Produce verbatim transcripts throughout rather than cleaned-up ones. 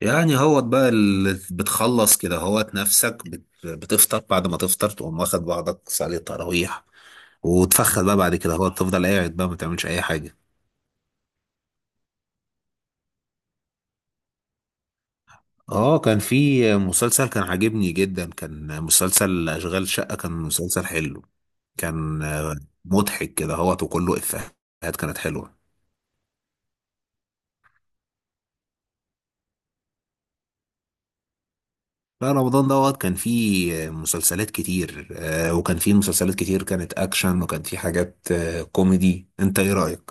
يعني هو بقى اللي بتخلص كده هوت نفسك بت- بتفطر بعد ما تفطر تقوم واخد بعضك صلي التراويح. وتفخد بقى بعد كده هو تفضل قاعد بقى ما تعملش اي حاجه. اه، كان في مسلسل كان عاجبني جدا، كان مسلسل اشغال شقه، كان مسلسل حلو. كان مضحك كده هوت وكله افيهات كانت حلوه. لا، رمضان دوت كان فيه مسلسلات كتير، آه، وكان فيه مسلسلات كتير كانت اكشن، وكان فيه حاجات آه، كوميدي. انت ايه رايك؟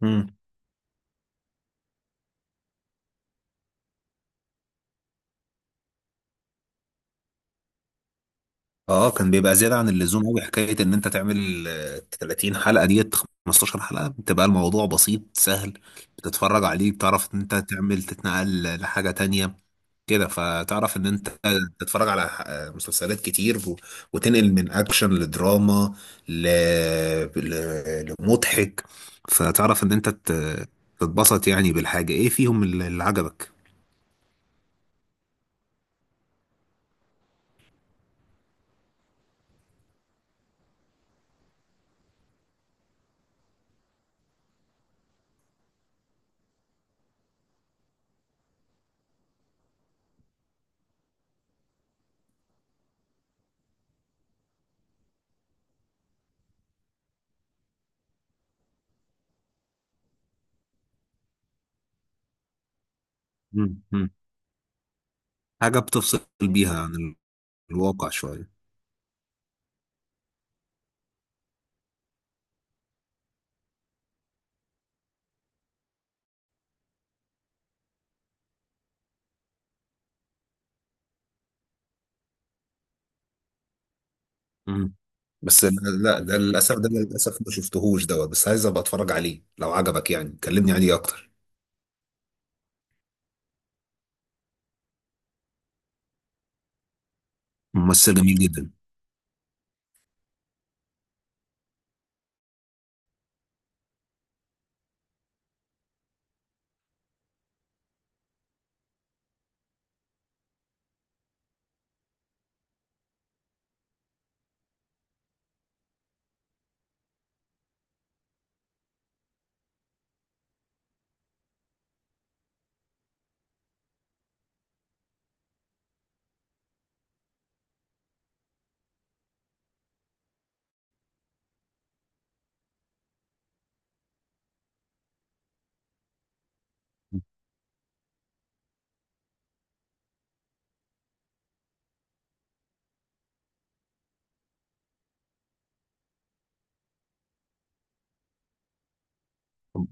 مم. اه، كان بيبقى زيادة عن اللزوم قوي حكاية ان انت تعمل آه، تلاتين حلقة ديت. خمستاشر حلقة بتبقى الموضوع بسيط سهل، بتتفرج عليه، بتعرف ان انت تعمل تتنقل لحاجة تانية كده. فتعرف ان انت تتفرج على آه، مسلسلات كتير، و- وتنقل من اكشن لدراما ل... ل... لمضحك. فتعرف ان انت ت- تتبسط، يعني بالحاجة ايه فيهم اللي اللي عجبك. مم. مم. حاجة بتفصل بيها عن الواقع شوية. مم. بس لا، ده للاسف ده للاسف ما شفتهوش دوت، بس عايز ابقى اتفرج عليه. لو عجبك يعني كلمني عليه اكتر. ممثل جميل جدا.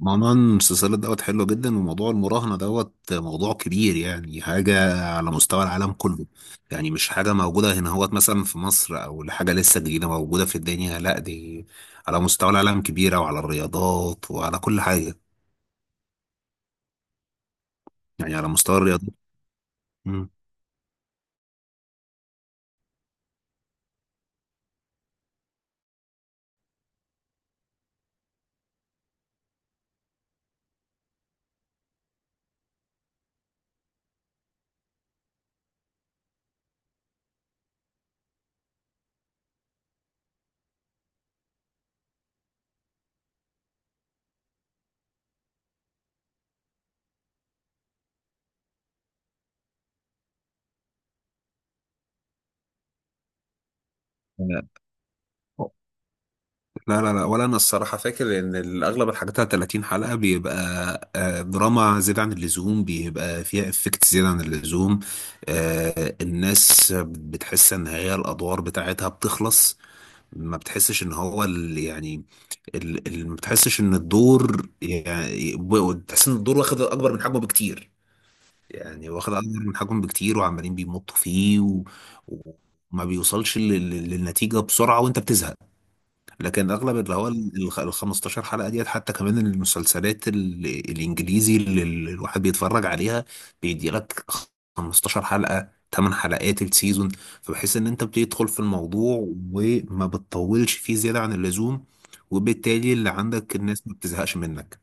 موضوع المسلسلات دوت حلو جدا، وموضوع المراهنة دوت موضوع كبير، يعني حاجة على مستوى العالم كله. يعني مش حاجة موجودة هنا هوت مثلا في مصر، أو حاجة لسه جديدة موجودة في الدنيا. لا، دي على مستوى العالم كبيرة، وعلى الرياضات وعلى كل حاجة. يعني على مستوى الرياضات. مم. لا لا لا، ولا انا الصراحه فاكر ان اغلب الحاجات على تلاتين حلقه بيبقى آه، دراما زياده عن اللزوم، بيبقى فيها افكت زياده عن اللزوم. آه، الناس بتحس ان هي الادوار بتاعتها بتخلص. ما بتحسش ان هو ال- يعني ال- ال- ما بتحسش ان الدور، يعني ب- بتحس ان الدور واخد اكبر من حجمه بكتير. يعني واخد اكبر من حجمه بكتير، وعمالين بيمطوا فيه و... وما بيوصلش لل- لل- للنتيجه بسرعه، وانت بتزهق. لكن اغلب اللي هو ال ال خمستاشر حلقه ديت، حتى كمان المسلسلات ال- الانجليزي اللي ال- الواحد بيتفرج عليها بيدي لك خمستاشر حلقه، تمن حلقات السيزون، فبحيث ان انت بتدخل في الموضوع، وما بتطولش فيه زياده عن اللزوم، وبالتالي اللي عندك الناس ما بتزهقش منك.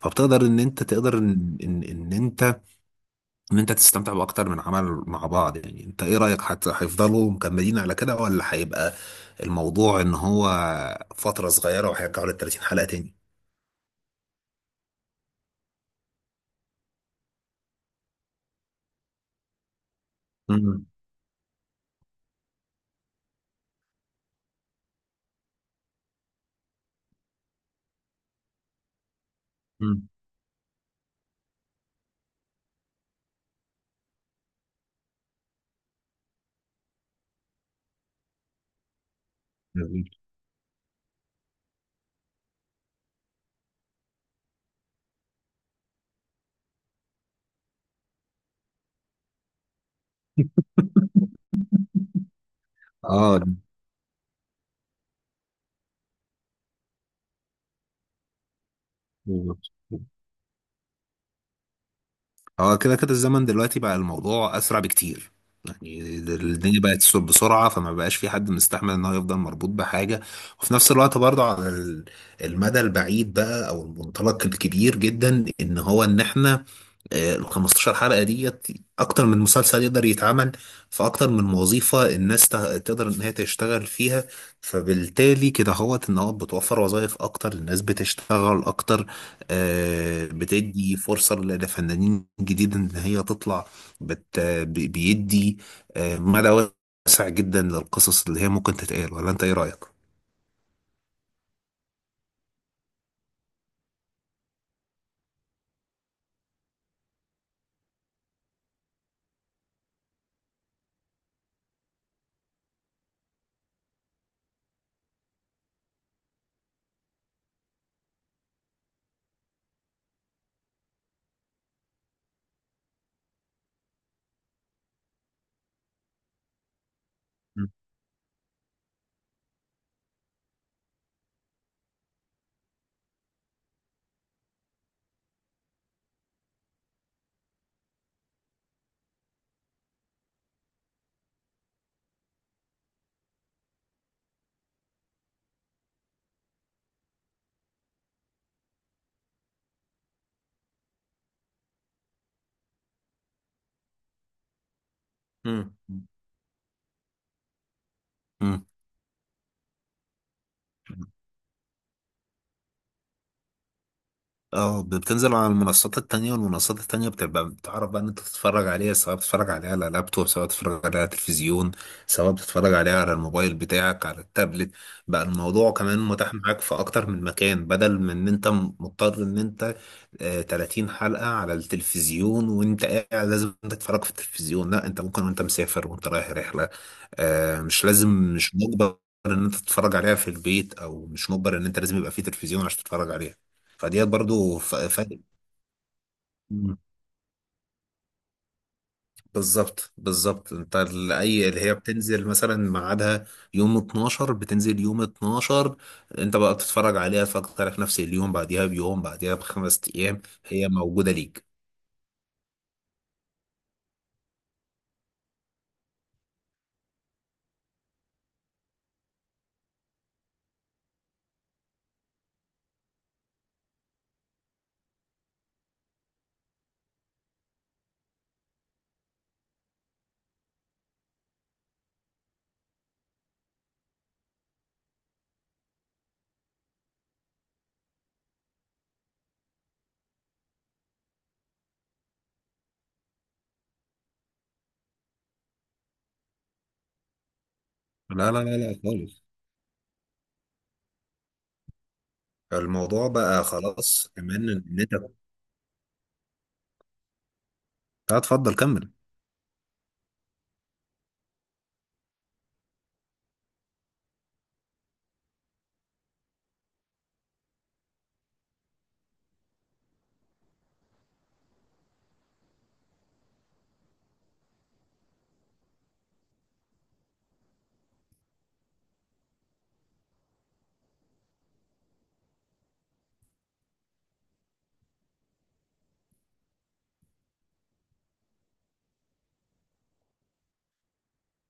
فبتقدر ان انت تقدر ان ان, إن انت ان انت تستمتع باكتر من عمل مع بعض. يعني انت ايه رأيك؟ حتى هيفضلوا مكملين على كده، ولا هيبقى الموضوع ان هو فترة صغيرة وهيرجعوا لل تلاتين حلقة تاني؟ مم. مم. جميل. اه، بالظبط. اه، كده كده الزمن دلوقتي بقى الموضوع اسرع بكتير. يعني الدنيا بقت تسوق بسرعة، فما بقاش في حد مستحمل ان هو يفضل مربوط بحاجة. وفي نفس الوقت برضه على ال- المدى البعيد بقى، او المنطلق الكبير جدا، ان هو ان احنا آه، ال خمستاشر حلقة ديت أكتر من مسلسل يقدر يتعمل، في أكتر من وظيفة الناس ت- تقدر إن هي تشتغل فيها. فبالتالي كده هوت إن هو بتوفر وظائف أكتر، الناس بتشتغل أكتر. آه، بتدي فرصة ل- لفنانين جديد إن هي تطلع. بت بي- بيدي آه، مدى واسع جدا للقصص اللي هي ممكن تتقال. ولا أنت إيه رأيك؟ مم. مم. مم. اه، بتنزل على المنصات التانية، والمنصات التانية بتبقى بتعرف بقى ان انت تتفرج عليها، سواء بتتفرج عليها على لابتوب، سواء بتتفرج عليها على تلفزيون، سواء بتتفرج عليها على الموبايل بتاعك، على التابلت. بقى الموضوع كمان متاح معاك في اكتر من مكان، بدل من ان انت مضطر ان انت آه، تلاتين حلقة على التلفزيون وانت قاعد لازم تتفرج في التلفزيون. لا، انت ممكن وانت مسافر، وانت رايح رحلة. آه، مش لازم، مش مجبر ان انت تتفرج عليها في البيت، او مش مجبر ان انت لازم يبقى في تلفزيون عشان تتفرج عليها. فديت برضو ف- فارق. مم. بالظبط بالظبط، انت ال- اي اللي هي بتنزل مثلا ميعادها يوم اتناشر، بتنزل يوم اتناشر، انت بقى بتتفرج عليها فاكتر، في نفس اليوم بعديها، بيوم بعديها، بخمس ايام هي موجودة ليك. لا لا لا لا، خالص. الموضوع بقى خلاص كمان ان انت، لا. اتفضل كمل.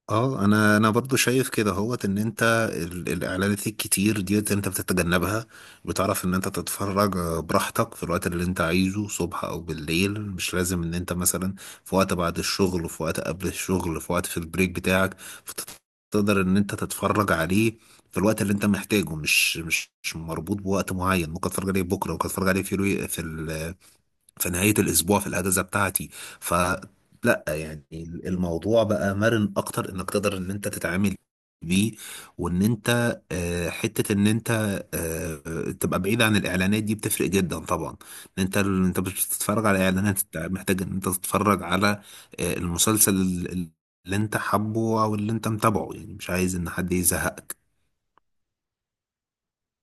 اه، انا انا برضو شايف كده هوت ان انت ال- الاعلانات الكتير ديت انت بتتجنبها. بتعرف ان انت تتفرج آه، براحتك، في الوقت اللي انت عايزه، صبح او بالليل. مش لازم ان انت مثلا في وقت بعد الشغل، في وقت قبل الشغل، في وقت في البريك بتاعك. فتقدر ان انت تتفرج عليه في الوقت اللي انت محتاجه. مش مش مش مربوط بوقت معين. ممكن تتفرج عليه بكره، ممكن تتفرج عليه في الوي- في في نهاية الأسبوع، في الأجازة بتاعتي. فلا يعني الموضوع بقى مرن أكتر، إنك تقدر إن أنت تتعامل بيه. وإن أنت آه، حتة إن أنت آه، تبقى بعيد عن الإعلانات دي، بتفرق جدا طبعا. إن أنت أنت مش بتتفرج على إعلانات، أنت محتاج إن أنت تتفرج على آه، المسلسل اللي أنت حابه أو اللي أنت متابعه، يعني مش عايز إن حد يزهقك.